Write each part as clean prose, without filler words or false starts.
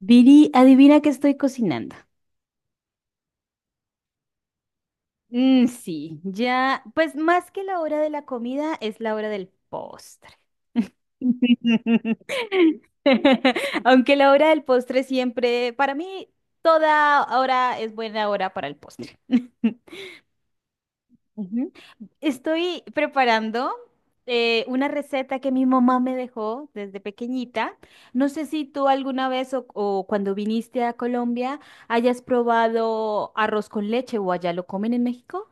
Viri, adivina qué estoy cocinando. Sí, ya, pues más que la hora de la comida es la hora del postre. Aunque la hora del postre siempre, para mí, toda hora es buena hora para el postre. Ujú. Estoy preparando una receta que mi mamá me dejó desde pequeñita. No sé si tú alguna vez o cuando viniste a Colombia hayas probado arroz con leche o allá lo comen en México.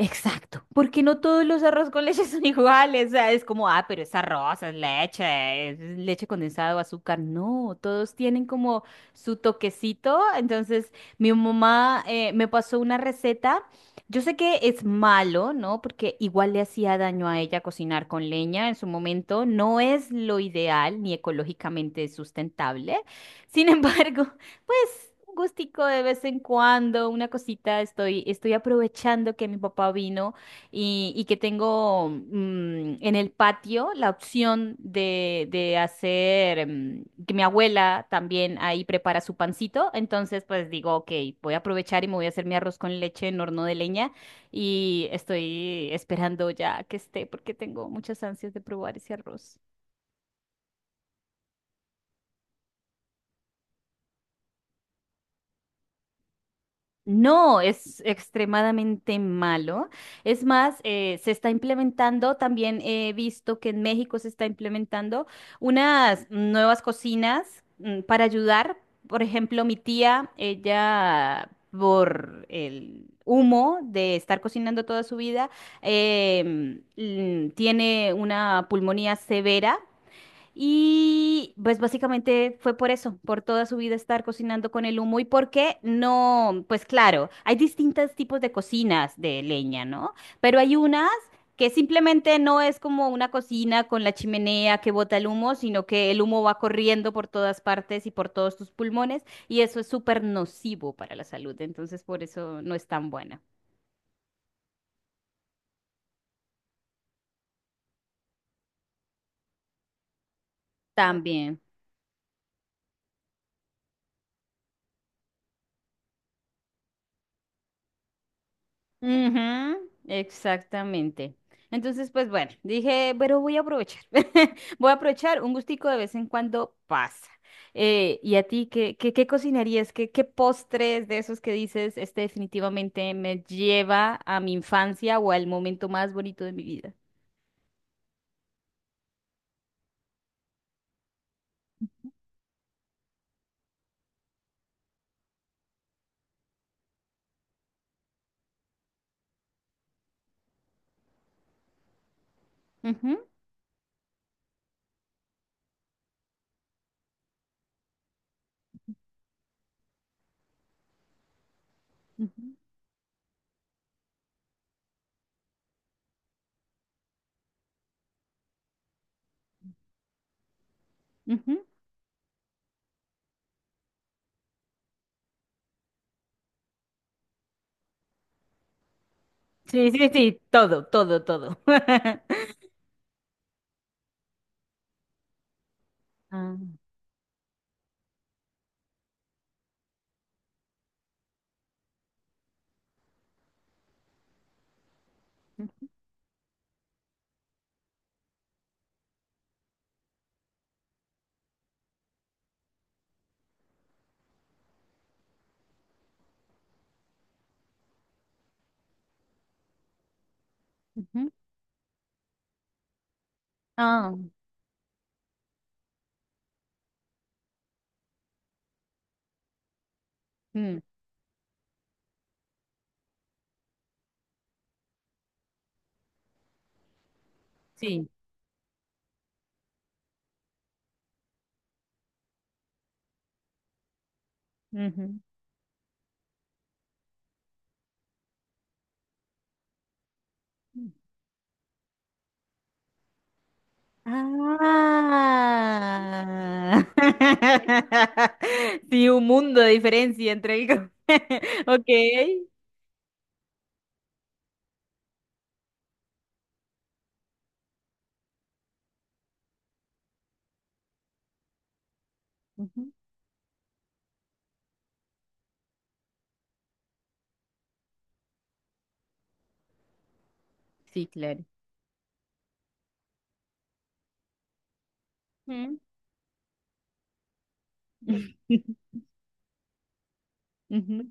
Exacto, porque no todos los arroz con leche son iguales, o sea, es como, ah, pero es arroz, es leche condensada o azúcar, no, todos tienen como su toquecito, entonces mi mamá me pasó una receta, yo sé que es malo, ¿no? Porque igual le hacía daño a ella cocinar con leña en su momento, no es lo ideal ni ecológicamente sustentable, sin embargo... Pues un gustico de vez en cuando, una cosita, estoy aprovechando que mi papá vino y que tengo en el patio la opción de hacer, que mi abuela también ahí prepara su pancito, entonces pues digo, ok, voy a aprovechar y me voy a hacer mi arroz con leche en horno de leña y estoy esperando ya que esté porque tengo muchas ansias de probar ese arroz. No, es extremadamente malo. Es más, se está implementando, también he visto que en México se está implementando unas nuevas cocinas para ayudar. Por ejemplo, mi tía, ella por el humo de estar cocinando toda su vida, tiene una pulmonía severa. Y pues básicamente fue por eso, por toda su vida estar cocinando con el humo y por qué no, pues claro, hay distintos tipos de cocinas de leña, ¿no? Pero hay unas que simplemente no es como una cocina con la chimenea que bota el humo, sino que el humo va corriendo por todas partes y por todos tus pulmones y eso es súper nocivo para la salud, entonces por eso no es tan buena. También. Ujú, exactamente. Entonces, pues bueno, dije, pero voy a aprovechar. Voy a aprovechar un gustico de vez en cuando pasa. ¿Y a ti qué cocinarías? Qué postres de esos que dices, este definitivamente me lleva a mi infancia o al momento más bonito de mi vida? Ujú, ujú, ujú. Sí, sí, sí, todo, todo, todo. Ah, ujú. Ah, mm, sí. Ujú. Ah. Sí, un mundo de diferencia entre el... co- Ok. Ujú. Sí, claro. Mm. Ujú.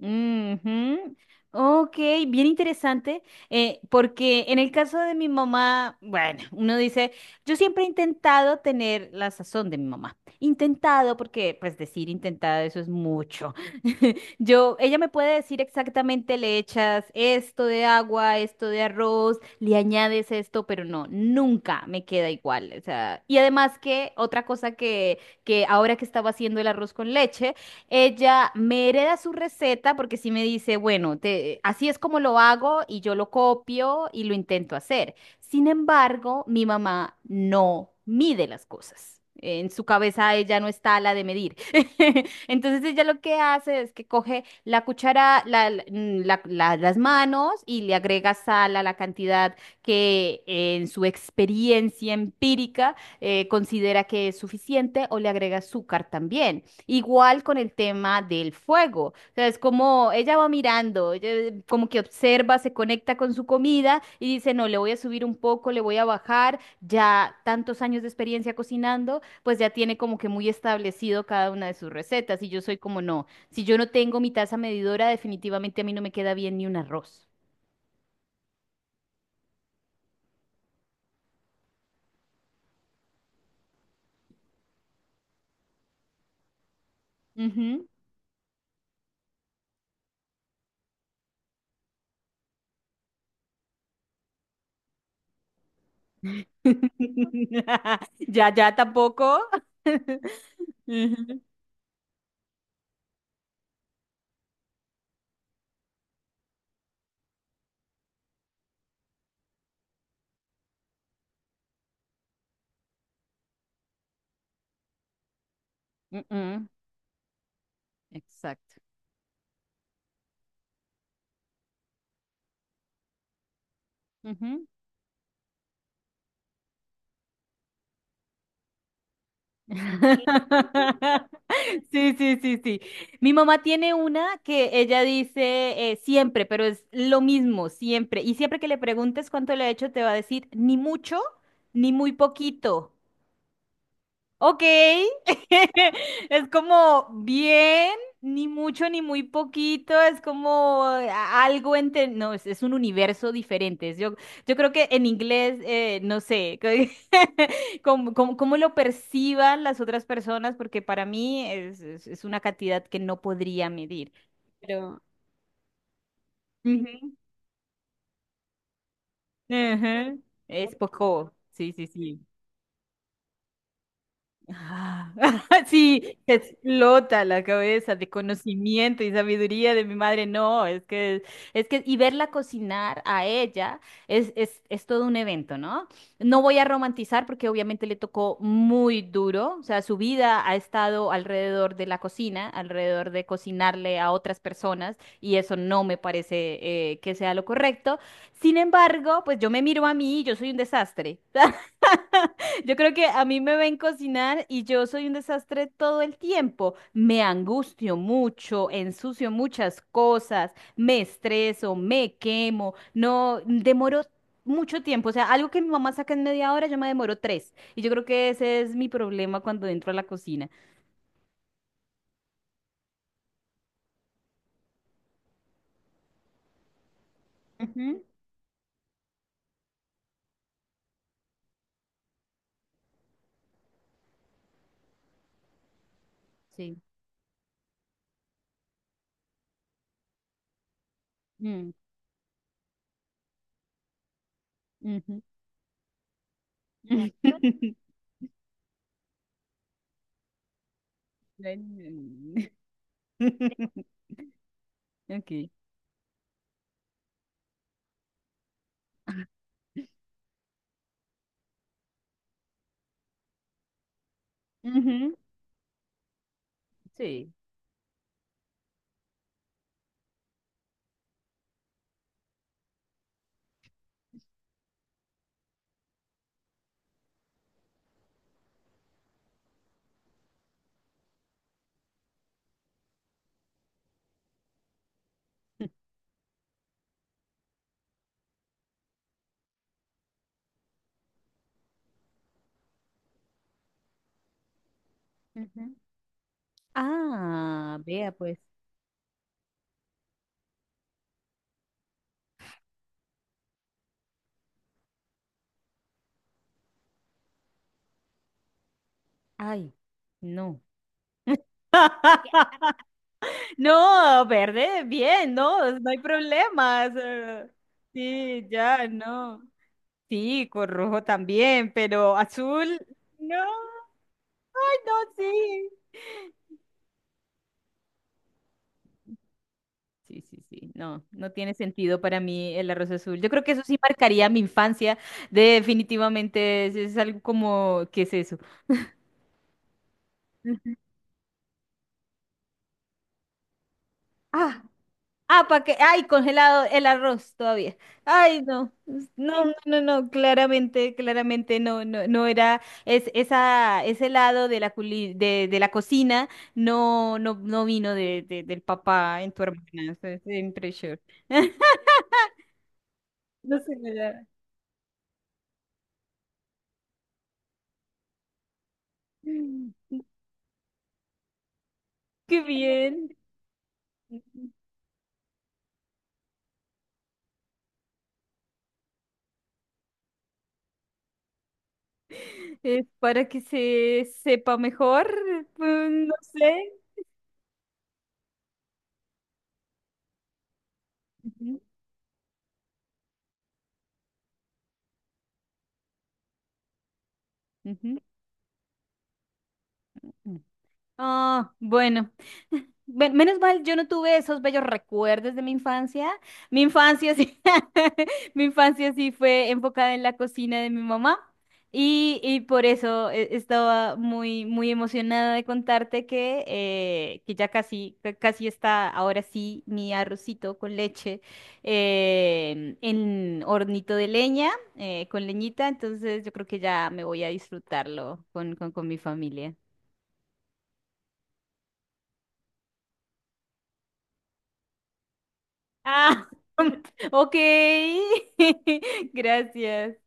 Ujú. Ok, bien interesante, porque en el caso de mi mamá, bueno, uno dice, yo siempre he intentado tener la sazón de mi mamá. Intentado, porque pues decir intentado eso es mucho. Yo, ella me puede decir exactamente, le echas esto de agua, esto de arroz, le añades esto, pero no, nunca me queda igual. O sea, y además que otra cosa que ahora que estaba haciendo el arroz con leche, ella me hereda su receta porque sí me dice, bueno, te- así es como lo hago y yo lo copio y lo intento hacer. Sin embargo, mi mamá no mide las cosas. En su cabeza ella no está la de medir. Entonces ella lo que hace es que coge la cuchara, las manos y le agrega sal a la cantidad que en su experiencia empírica considera que es suficiente o le agrega azúcar también. Igual con el tema del fuego. O sea, es como ella va mirando, ella como que observa, se conecta con su comida y dice, no, le voy a subir un poco, le voy a bajar. Ya tantos años de experiencia cocinando, pues ya tiene como que muy establecido cada una de sus recetas. Y yo soy como, no, si yo no tengo mi taza medidora, definitivamente a mí no me queda bien ni un arroz. Ujú. Ya, ya tampoco. Ujú. Mm, mm. Exacto. Sí, sí, sí, sí. Mi mamá tiene una que ella dice siempre, pero es lo mismo, siempre. Y siempre que le preguntes cuánto le ha hecho, te va a decir ni mucho, ni muy poquito. Ok, es como bien, ni mucho ni muy poquito, es como a- algo entre, no, es un universo diferente. Es- Yo creo que en inglés, no sé, cómo, cómo lo perciban las otras personas, porque para mí es una cantidad que no podría medir. Pero, ujú, ujú. Es poco, sí, sí, sí. Ah, sí, te explota la cabeza de conocimiento y sabiduría de mi madre. No, es que, y verla cocinar a ella es todo un evento, ¿no? No voy a romantizar porque obviamente le tocó muy duro, o sea, su vida ha estado alrededor de la cocina, alrededor de cocinarle a otras personas, y eso no me parece que sea lo correcto. Sin embargo, pues yo me miro a mí y yo soy un desastre. Yo creo que a mí me ven cocinar y yo soy un desastre todo el tiempo. Me angustio mucho, ensucio muchas cosas, me estreso, me quemo, no demoro mucho tiempo. O sea, algo que mi mamá saca en media hora, yo me demoro tres. Y yo creo que ese es mi problema cuando entro a la cocina. Ujú, sí. Mm, ujú. Ok. Ujú, sí. Ujú. Ah, vea pues. Ay, no. No, verde, bien, no, no hay problemas. Sí, ya, no. Sí, con rojo también, pero azul, no, no, sí. Sí, sí, sí, no, no tiene sentido para mí el arroz azul. Yo creo que eso sí marcaría mi infancia, definitivamente, es algo como, ¿qué es eso? Ah, ah, para que, ay, congelado el arroz todavía. Ay, no, no, no, no, no, claramente, claramente no era, es, esa, ese lado de la culi- de la cocina no, no, no vino de, del papá en tu hermana, eso es impresión. No sé, ¿verdad? Qué bien. Es para que se sepa mejor, pues, no sé. Ujú, ujú. Ah, bueno. Menos mal, yo no tuve esos bellos recuerdos de mi infancia. Mi infancia sí, mi infancia sí fue enfocada en la cocina de mi mamá y por eso estaba muy, muy emocionada de contarte que ya casi, ca- casi está ahora sí mi arrocito con leche en hornito de leña, con leñita. Entonces yo creo que ya me voy a disfrutarlo con mi familia. Ah, ok. Gracias.